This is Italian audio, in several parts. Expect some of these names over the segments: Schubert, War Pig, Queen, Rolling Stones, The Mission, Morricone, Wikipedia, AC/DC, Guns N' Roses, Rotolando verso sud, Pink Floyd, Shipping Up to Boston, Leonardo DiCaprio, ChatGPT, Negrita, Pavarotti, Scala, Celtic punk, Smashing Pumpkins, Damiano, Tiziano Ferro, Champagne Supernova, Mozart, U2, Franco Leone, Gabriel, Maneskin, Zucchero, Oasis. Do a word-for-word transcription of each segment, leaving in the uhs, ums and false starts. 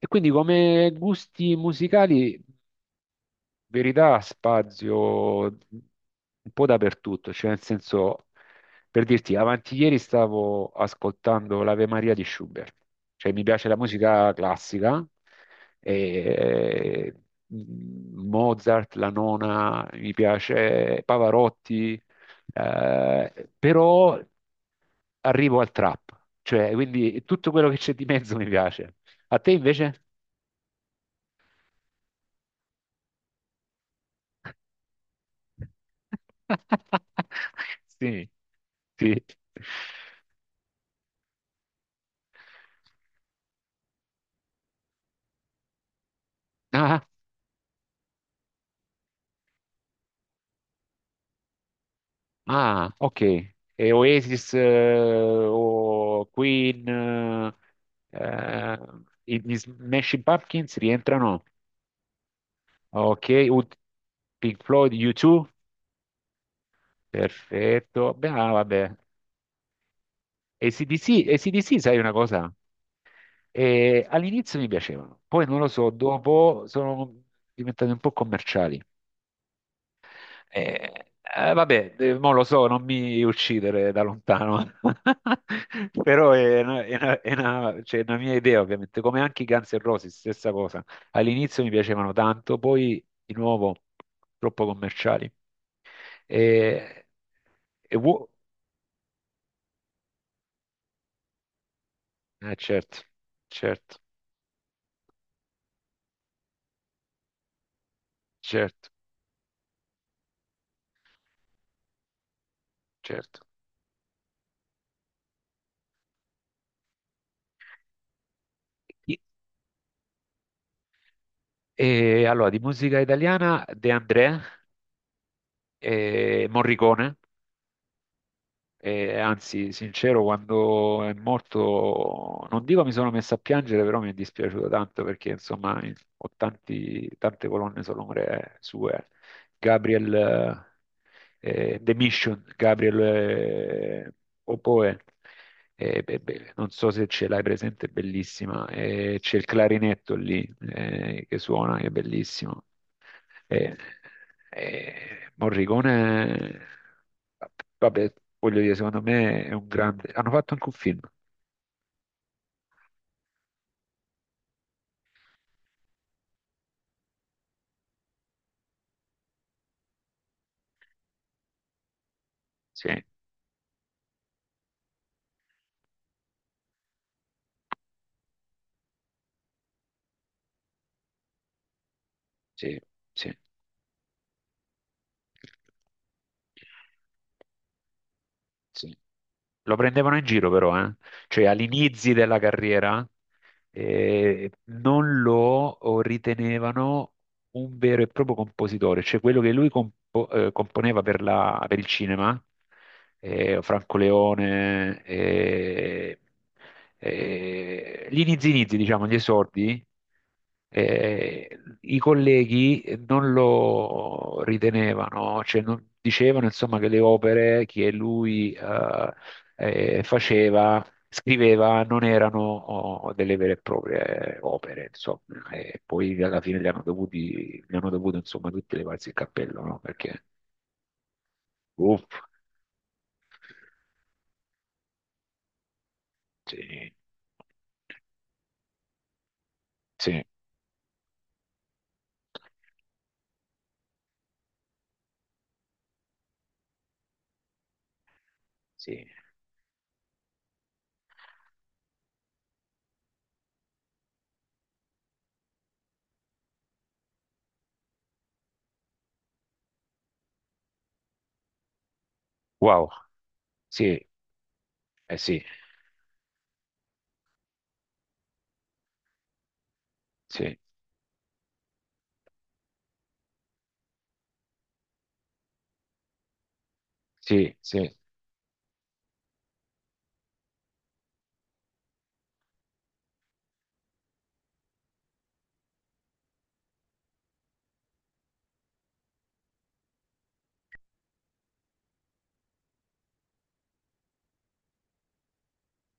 E quindi come gusti musicali, in verità, spazio un po' dappertutto, cioè nel senso, per dirti, avanti ieri stavo ascoltando l'Ave Maria di Schubert, cioè mi piace la musica classica, e, mm, Mozart, la nona, mi piace Pavarotti, eh, però arrivo al trap, cioè quindi tutto quello che c'è di mezzo mi piace. A te invece? Sì, sì. Ah, ah, ok. E Oasis, eh, o Queen, eh, eh, i- gli Smashing Pumpkins rientrano. Ok, U- Pink Floyd, U due, perfetto. Beh, ah, vabbè. AC/DC, AC/DC, sai una cosa? Eh, all'inizio mi piacevano, poi non lo so, dopo sono diventate un po' commerciali. Eh, eh, Vabbè, eh, mo lo so, non mi uccidere da lontano, però è una, è una- è una- cioè, è una mia idea, ovviamente, come anche i Guns N' Roses, stessa cosa. All'inizio mi piacevano tanto, poi di nuovo troppo commerciali. E, e wo- eh, certo, certo, certo, certo. I- E, allora, di musica italiana De André, eh, Morricone. E anzi, sincero, quando è morto, non dico mi sono messo a piangere, però mi è dispiaciuto tanto perché insomma in- ho tanti- tante colonne sonore sue. Gabriel, eh, eh, The Mission, Gabriel, eh, Oboe, eh, beh, beh, non so se ce l'hai presente, è bellissima. Eh, c'è il clarinetto lì, eh, che suona, che è bellissimo. Eh, eh, Morricone, vabbè, voglio dire, secondo me è un grande... Hanno fatto anche un film. Sì, sì, sì, sì. Lo prendevano in giro però, eh. Cioè all'inizio della carriera, eh, non lo ritenevano un vero e proprio compositore, cioè quello che lui compo- eh, componeva per la- per il cinema, eh, Franco Leone, eh, eh, gli inizi inizi, diciamo, gli esordi, eh, i colleghi non lo ritenevano, cioè non- dicevano insomma che le opere che lui, eh, eh, faceva, scriveva, non erano oh, delle vere e proprie opere, insomma, e poi alla fine gli hanno dovuti, gli hanno dovuto, insomma, tutti levarsi il cappello, no? Perché, uff, sì, sì, sì, wow, sì, eh sì, sì, sì, sì.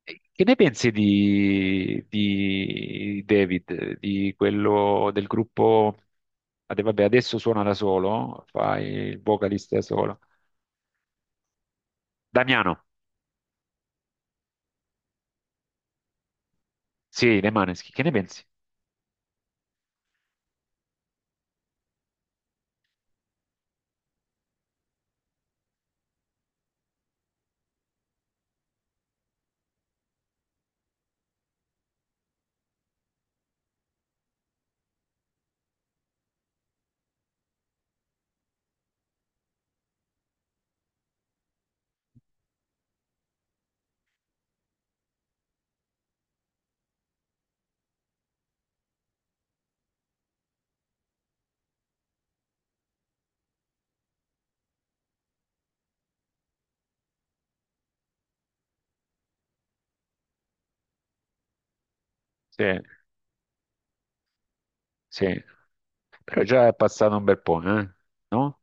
E che ne pensi di, di David, di quello del gruppo, ah, vabbè, adesso suona da solo, fa il vocalista da solo, Damiano. Sì, le Maneskin, che ne pensi? Sì, sì, però già è passato un bel po', eh? No?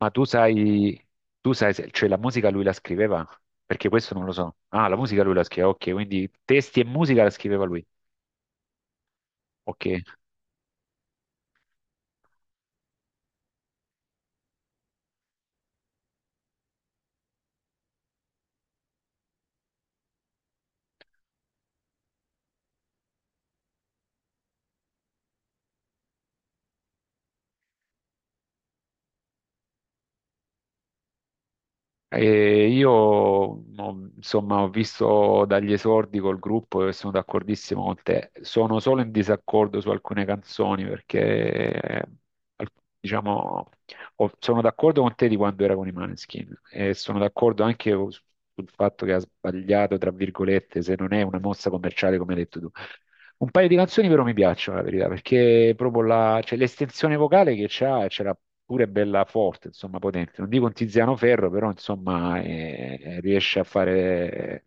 Ma tu sai, tu sai, se- cioè la musica lui la scriveva? Perché questo non lo so. Ah, la musica lui la scriveva, ok, quindi testi e musica la scriveva lui, ok. E io ho- insomma ho visto dagli esordi col gruppo e sono d'accordissimo con te. Sono solo in disaccordo su alcune canzoni perché, eh, al- diciamo ho- sono d'accordo con te di quando era con i Maneskin e sono d'accordo anche su- sul fatto che ha sbagliato, tra virgolette, se non è una mossa commerciale come hai detto tu. Un paio di canzoni però mi piacciono, la verità, perché proprio la- cioè, l'estensione vocale che c'ha, c'era pure bella forte, insomma, potente. Non dico un Tiziano Ferro, però insomma, eh, eh, riesce a fare,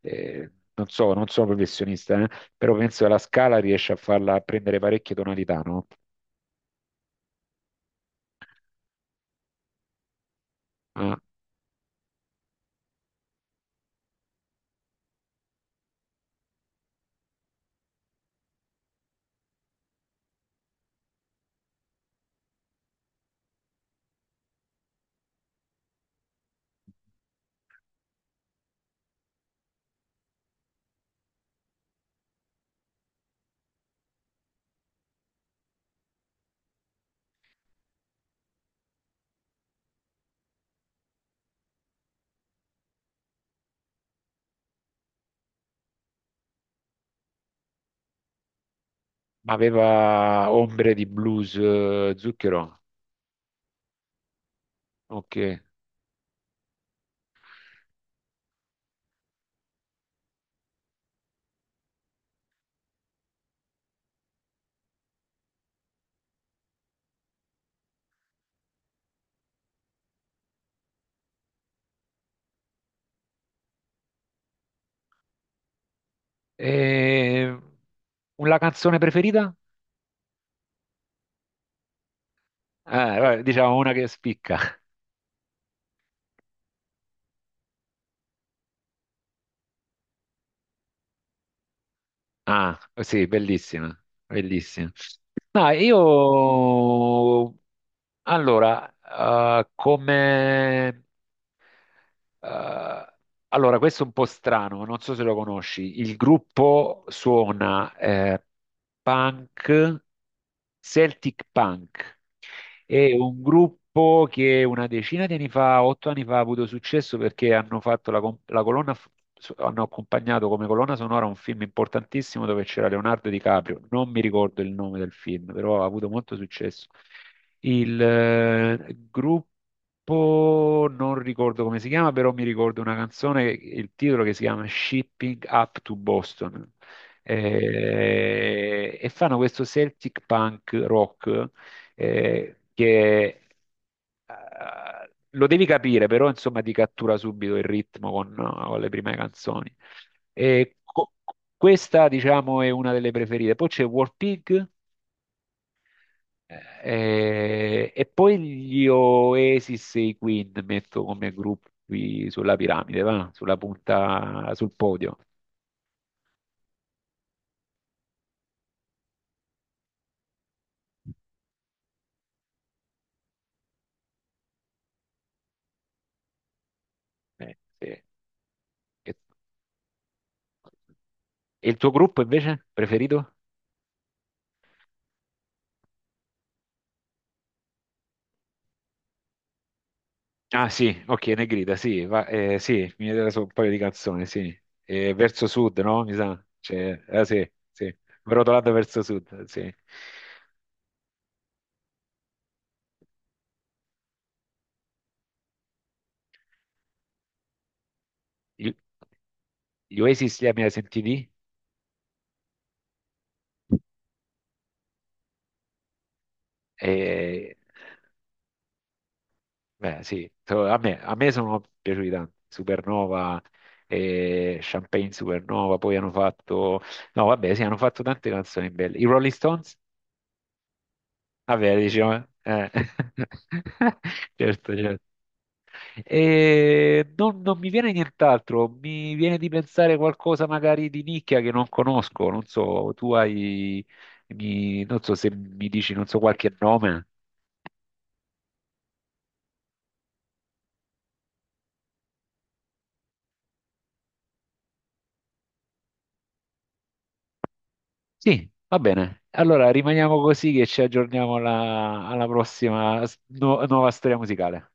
eh, non so, non sono professionista, eh, però penso che la Scala riesce a farla a prendere parecchie tonalità, no? Ah, ma aveva ombre di blues, eh, Zucchero, ok. E... una canzone preferita? Eh, vabbè, diciamo una che spicca. Ah, sì, bellissima, bellissima. No, io allora, eh, come, eh, allora, questo è un po' strano, non so se lo conosci. Il gruppo suona, eh, punk, Celtic punk. È un gruppo che una decina di anni fa, otto anni fa, ha avuto successo perché hanno fatto la, com- la colonna, f- so- hanno accompagnato come colonna sonora un film importantissimo dove c'era Leonardo DiCaprio. Non mi ricordo il nome del film, però ha avuto molto successo. Il, eh, gruppo, non ricordo come si chiama, però mi ricordo una canzone, il titolo che si chiama Shipping Up to Boston. Eh, e fanno questo Celtic punk rock, eh, che eh, lo devi capire, però insomma ti cattura subito il ritmo con, con le prime canzoni. E co- questa, diciamo, è una delle preferite. Poi c'è War Pig, eh, e poi gli Oasis e i Queen metto come gruppi sulla piramide, va? Sulla punta, sul podio. Eh, sì. E e il tuo gruppo invece preferito? Ah sì, ok, Negrita, sì, va- eh, sì, mi vedeva solo un paio di canzoni, sì. Eh, verso sud, no? Mi sa. Cioè, eh, sì, sì. Rotolando verso sud, sì. Gli gli Oasis li abbiamo sentiti? Eh, beh, sì, So- a me, a me sono piaciuti tanto. Supernova, eh, Champagne Supernova, poi hanno fatto... No, vabbè, sì, hanno fatto tante canzoni belle. I Rolling Stones? Vabbè, diciamo... eh. Certo, certo. E non, non mi viene nient'altro, mi viene di pensare qualcosa magari di nicchia che non conosco, non so, tu hai, mi- non so se mi dici, non so, qualche nome. Sì, va bene. Allora rimaniamo così che ci aggiorniamo alla, alla prossima s- nu- nuova storia musicale.